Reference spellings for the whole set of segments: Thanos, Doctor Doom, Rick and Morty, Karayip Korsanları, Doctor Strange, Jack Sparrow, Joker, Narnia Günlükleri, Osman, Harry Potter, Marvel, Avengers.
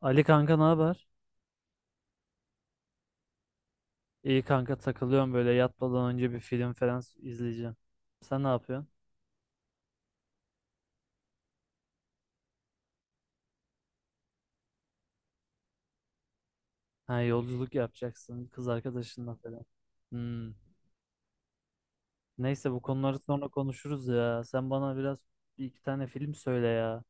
Ali kanka ne haber? İyi kanka takılıyorum böyle yatmadan önce bir film falan izleyeceğim. Sen ne yapıyorsun? Ha yolculuk yapacaksın kız arkadaşınla falan. Hmm. Neyse bu konuları sonra konuşuruz ya. Sen bana biraz bir iki tane film söyle ya.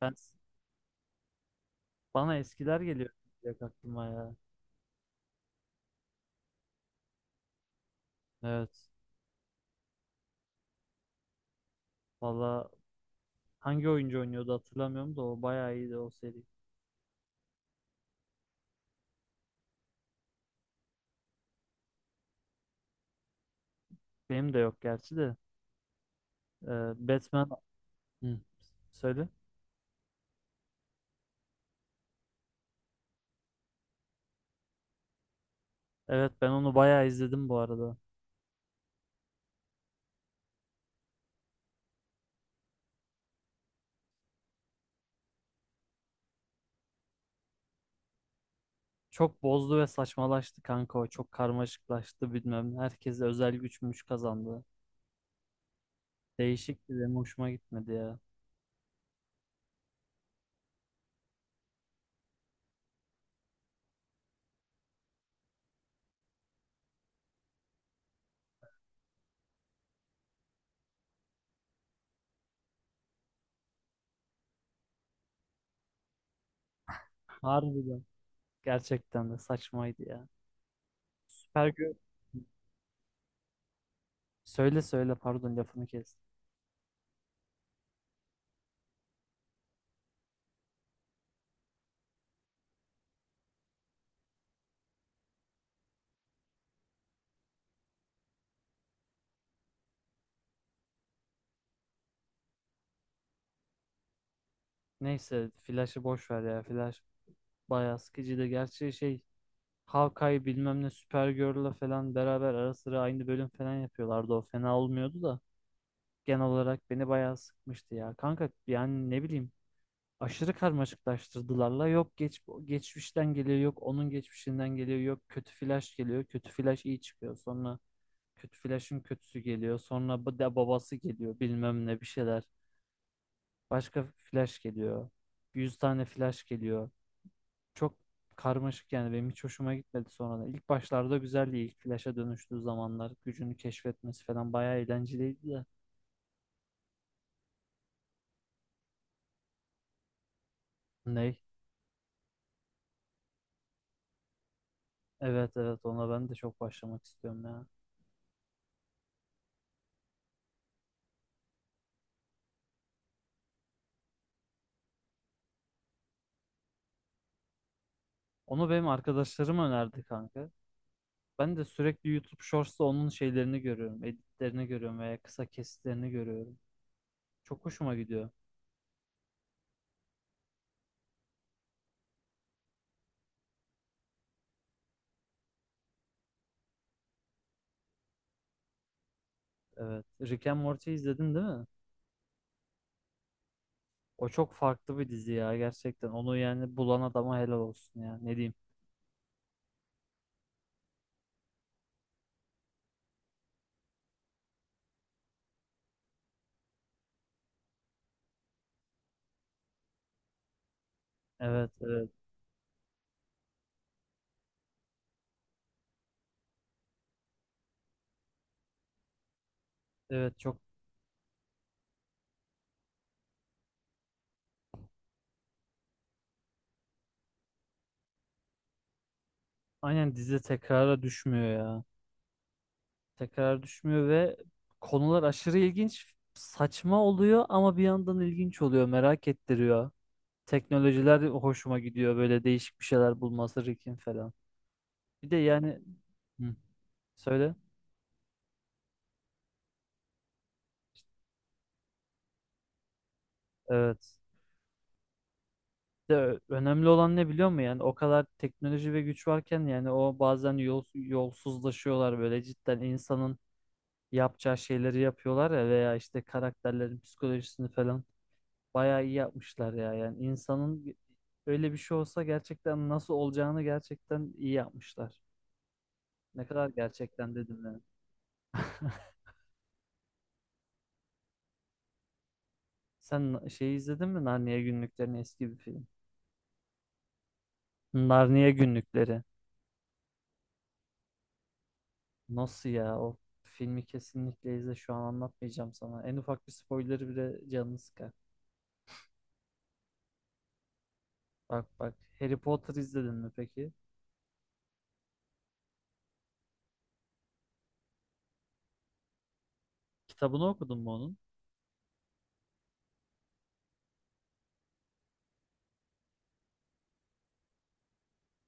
Ben Bana eskiler geliyor direkt aklıma ya. Evet. Valla hangi oyuncu oynuyordu hatırlamıyorum da o bayağı iyiydi o seri. Benim de yok gerçi de. Ee, Batman. Hı, söyle. Evet ben onu bayağı izledim bu arada. Çok bozdu ve saçmalaştı kanka o. Çok karmaşıklaştı bilmem ne. Herkese özel güçmüş kazandı. Değişikti, benim hoşuma gitmedi ya. Harbiden. Gerçekten de saçmaydı ya. Süper gö- Söyle söyle, pardon lafını kes. Neyse Flash'ı boş ver ya. Flash bayağı sıkıcıydı. Gerçi şey, Hawkeye bilmem ne Supergirl'la falan beraber ara sıra aynı bölüm falan yapıyorlardı. O fena olmuyordu da. Genel olarak beni bayağı sıkmıştı ya. Kanka yani ne bileyim, aşırı karmaşıklaştırdılarla. Yok geçmişten geliyor, yok onun geçmişinden geliyor, yok kötü flash geliyor. Kötü flash iyi çıkıyor. Sonra kötü flash'ın kötüsü geliyor. Sonra bu da babası geliyor bilmem ne bir şeyler. Başka flash geliyor. 100 tane flash geliyor. Çok karmaşık, yani benim hiç hoşuma gitmedi sonradan. İlk başlarda güzeldi. İlk flash'a dönüştüğü zamanlar gücünü keşfetmesi falan bayağı eğlenceliydi de. Ney? Evet evet, ona ben de çok başlamak istiyorum ya. Onu benim arkadaşlarım önerdi kanka. Ben de sürekli YouTube Shorts'ta onun şeylerini görüyorum. Editlerini görüyorum veya kısa kesitlerini görüyorum. Çok hoşuma gidiyor. Evet. Rick and Morty izledin değil mi? O çok farklı bir dizi ya gerçekten. Onu yani bulan adama helal olsun ya. Ne diyeyim? Evet, evet. Evet çok, aynen dizi tekrara düşmüyor ya. Tekrar düşmüyor ve konular aşırı ilginç, saçma oluyor ama bir yandan ilginç oluyor. Merak ettiriyor. Teknolojiler hoşuma gidiyor. Böyle değişik bir şeyler bulması Rick'in falan. Bir de yani, hı, söyle. Evet. Bir de önemli olan ne biliyor musun? Yani o kadar teknoloji ve güç varken yani o bazen yolsuzlaşıyorlar böyle cidden insanın yapacağı şeyleri yapıyorlar ya, veya işte karakterlerin psikolojisini falan bayağı iyi yapmışlar ya. Yani insanın öyle bir şey olsa gerçekten nasıl olacağını gerçekten iyi yapmışlar. Ne kadar gerçekten dedim yani. Sen şeyi izledin mi? Narnia Günlüklerini, eski bir film. Narnia Günlükleri. Nasıl ya? O filmi kesinlikle izle. Şu an anlatmayacağım sana. En ufak bir spoiler'ı bile canını sıkar. Bak bak. Harry Potter izledin mi peki? Kitabını okudun mu onun?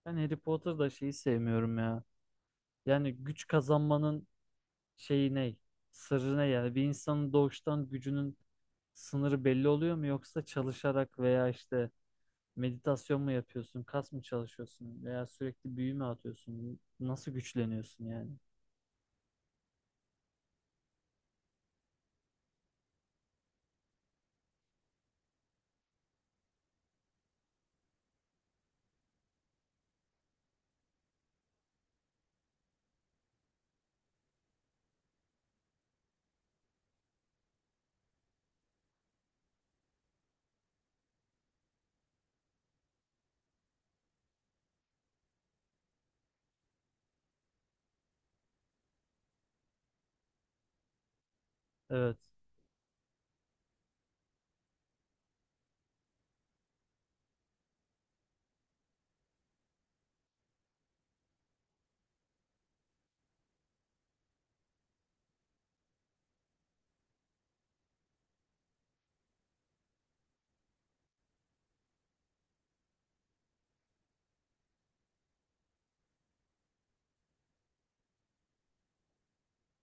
Ben Harry Potter'da şeyi sevmiyorum ya. Yani güç kazanmanın şeyi ne? Sırrı ne yani? Bir insanın doğuştan gücünün sınırı belli oluyor mu? Yoksa çalışarak veya işte meditasyon mu yapıyorsun? Kas mı çalışıyorsun? Veya sürekli büyü mü atıyorsun? Nasıl güçleniyorsun yani? Evet.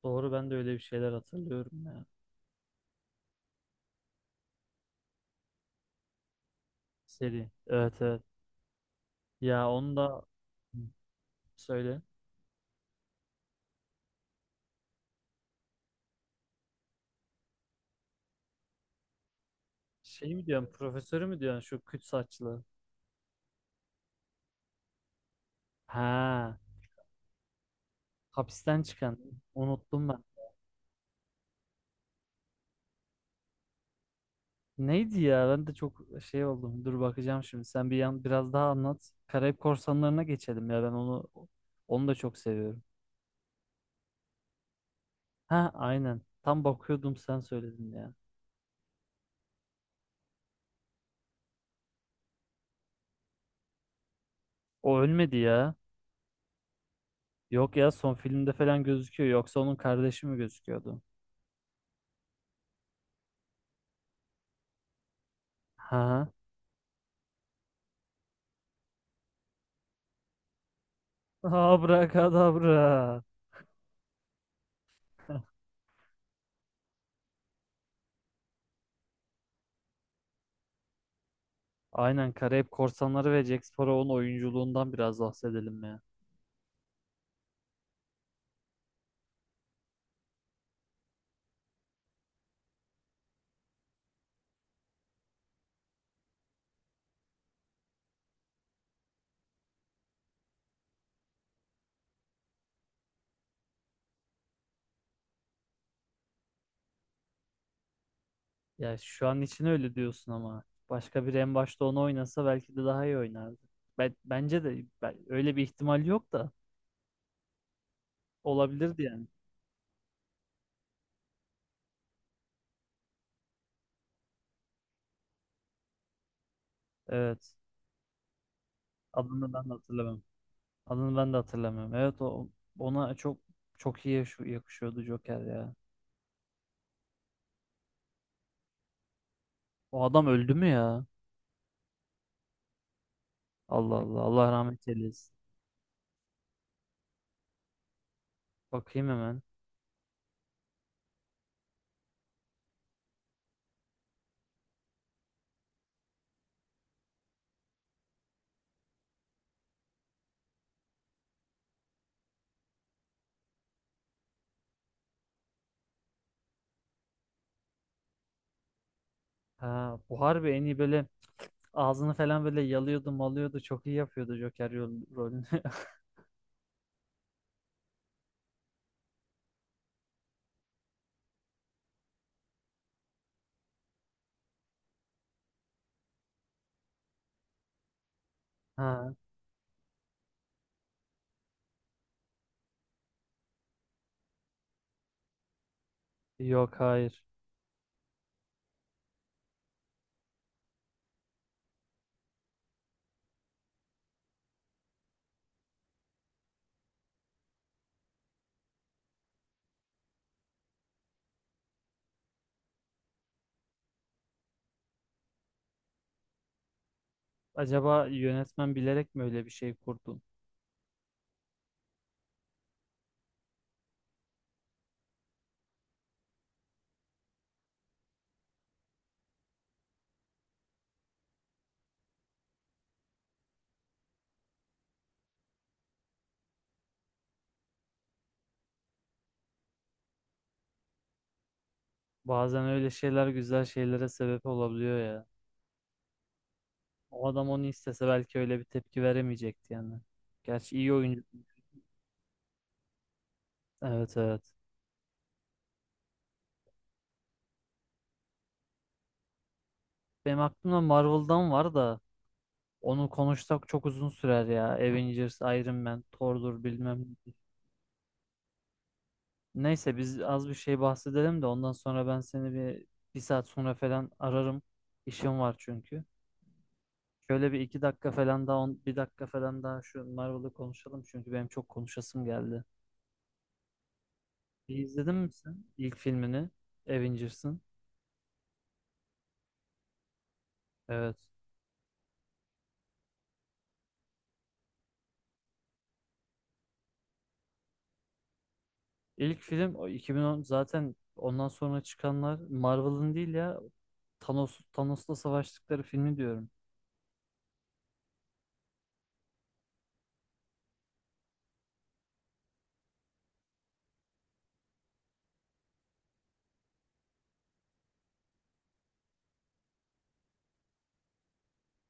Doğru, ben de öyle bir şeyler hatırlıyorum ya. Seri. Evet evet. Ya onu da, hı, söyle. Şey mi diyorsun? Profesörü mü diyorsun? Şu küt saçlı. Ha. Hapisten çıkan. Unuttum ben. Neydi ya? Ben de çok şey oldum. Dur bakacağım şimdi. Sen bir yan biraz daha anlat. Karayip Korsanları'na geçelim ya. Ben onu da çok seviyorum. Ha aynen. Tam bakıyordum sen söyledin ya. O ölmedi ya. Yok ya, son filmde falan gözüküyor. Yoksa onun kardeşi mi gözüküyordu? Ha. Abrakadabra. Aynen, Karayip Korsanları ve Jack Sparrow'un oyunculuğundan biraz bahsedelim ya. Ya şu an için öyle diyorsun ama başka biri en başta onu oynasa belki de daha iyi oynardı. Ben, bence de öyle bir ihtimal yok da olabilirdi yani. Evet. Adını ben de hatırlamıyorum. Adını ben de hatırlamıyorum. Evet o ona çok çok iyi yakışıyordu Joker ya. O adam öldü mü ya? Allah Allah, Allah rahmet eylesin. Bakayım hemen. Ha, bu harbi en iyi böyle ağzını falan böyle yalıyordu malıyordu. Çok iyi yapıyordu Joker rolünü. Ha, yok hayır. Acaba yönetmen bilerek mi öyle bir şey kurdu? Bazen öyle şeyler güzel şeylere sebep olabiliyor ya. O adam onu istese belki öyle bir tepki veremeyecekti yani. Gerçi iyi oyuncu. Evet evet. Benim aklımda Marvel'dan var da onu konuşsak çok uzun sürer ya. Avengers, Iron Man, Thor'dur bilmem. Neyse biz az bir şey bahsedelim de ondan sonra ben seni bir saat sonra falan ararım. İşim var çünkü. Şöyle bir iki dakika falan daha bir dakika falan daha şu Marvel'ı konuşalım çünkü benim çok konuşasım geldi. İyi, İzledin mi sen ilk filmini? Avengers'ın. Evet. İlk film o 2010, zaten ondan sonra çıkanlar Marvel'ın değil ya. Thanos'la savaştıkları filmi diyorum.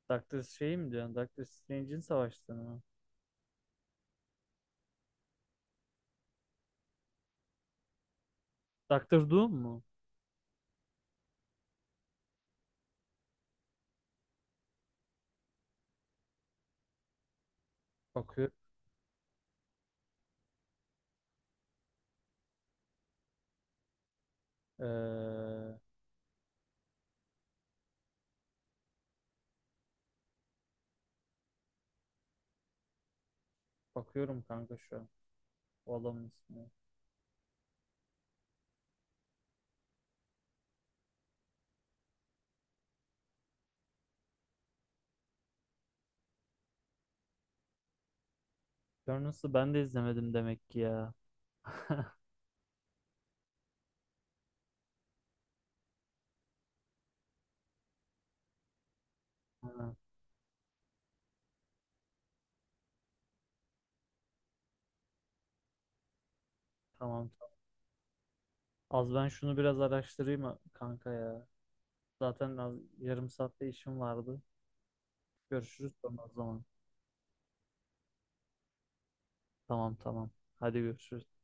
Doctor şey mi diyorsun? Doctor Strange'in savaştığını mı? Doctor Doom mu? Bakıyorum. Ee, Bakıyorum kanka şu an. O adamın ismini. Burners'ı ben de izlemedim demek ki ya. Ha, tamam. Az ben şunu biraz araştırayım kanka ya. Zaten az, yarım saatte işim vardı. Görüşürüz sonra o zaman. Tamam tamam. Hadi görüşürüz.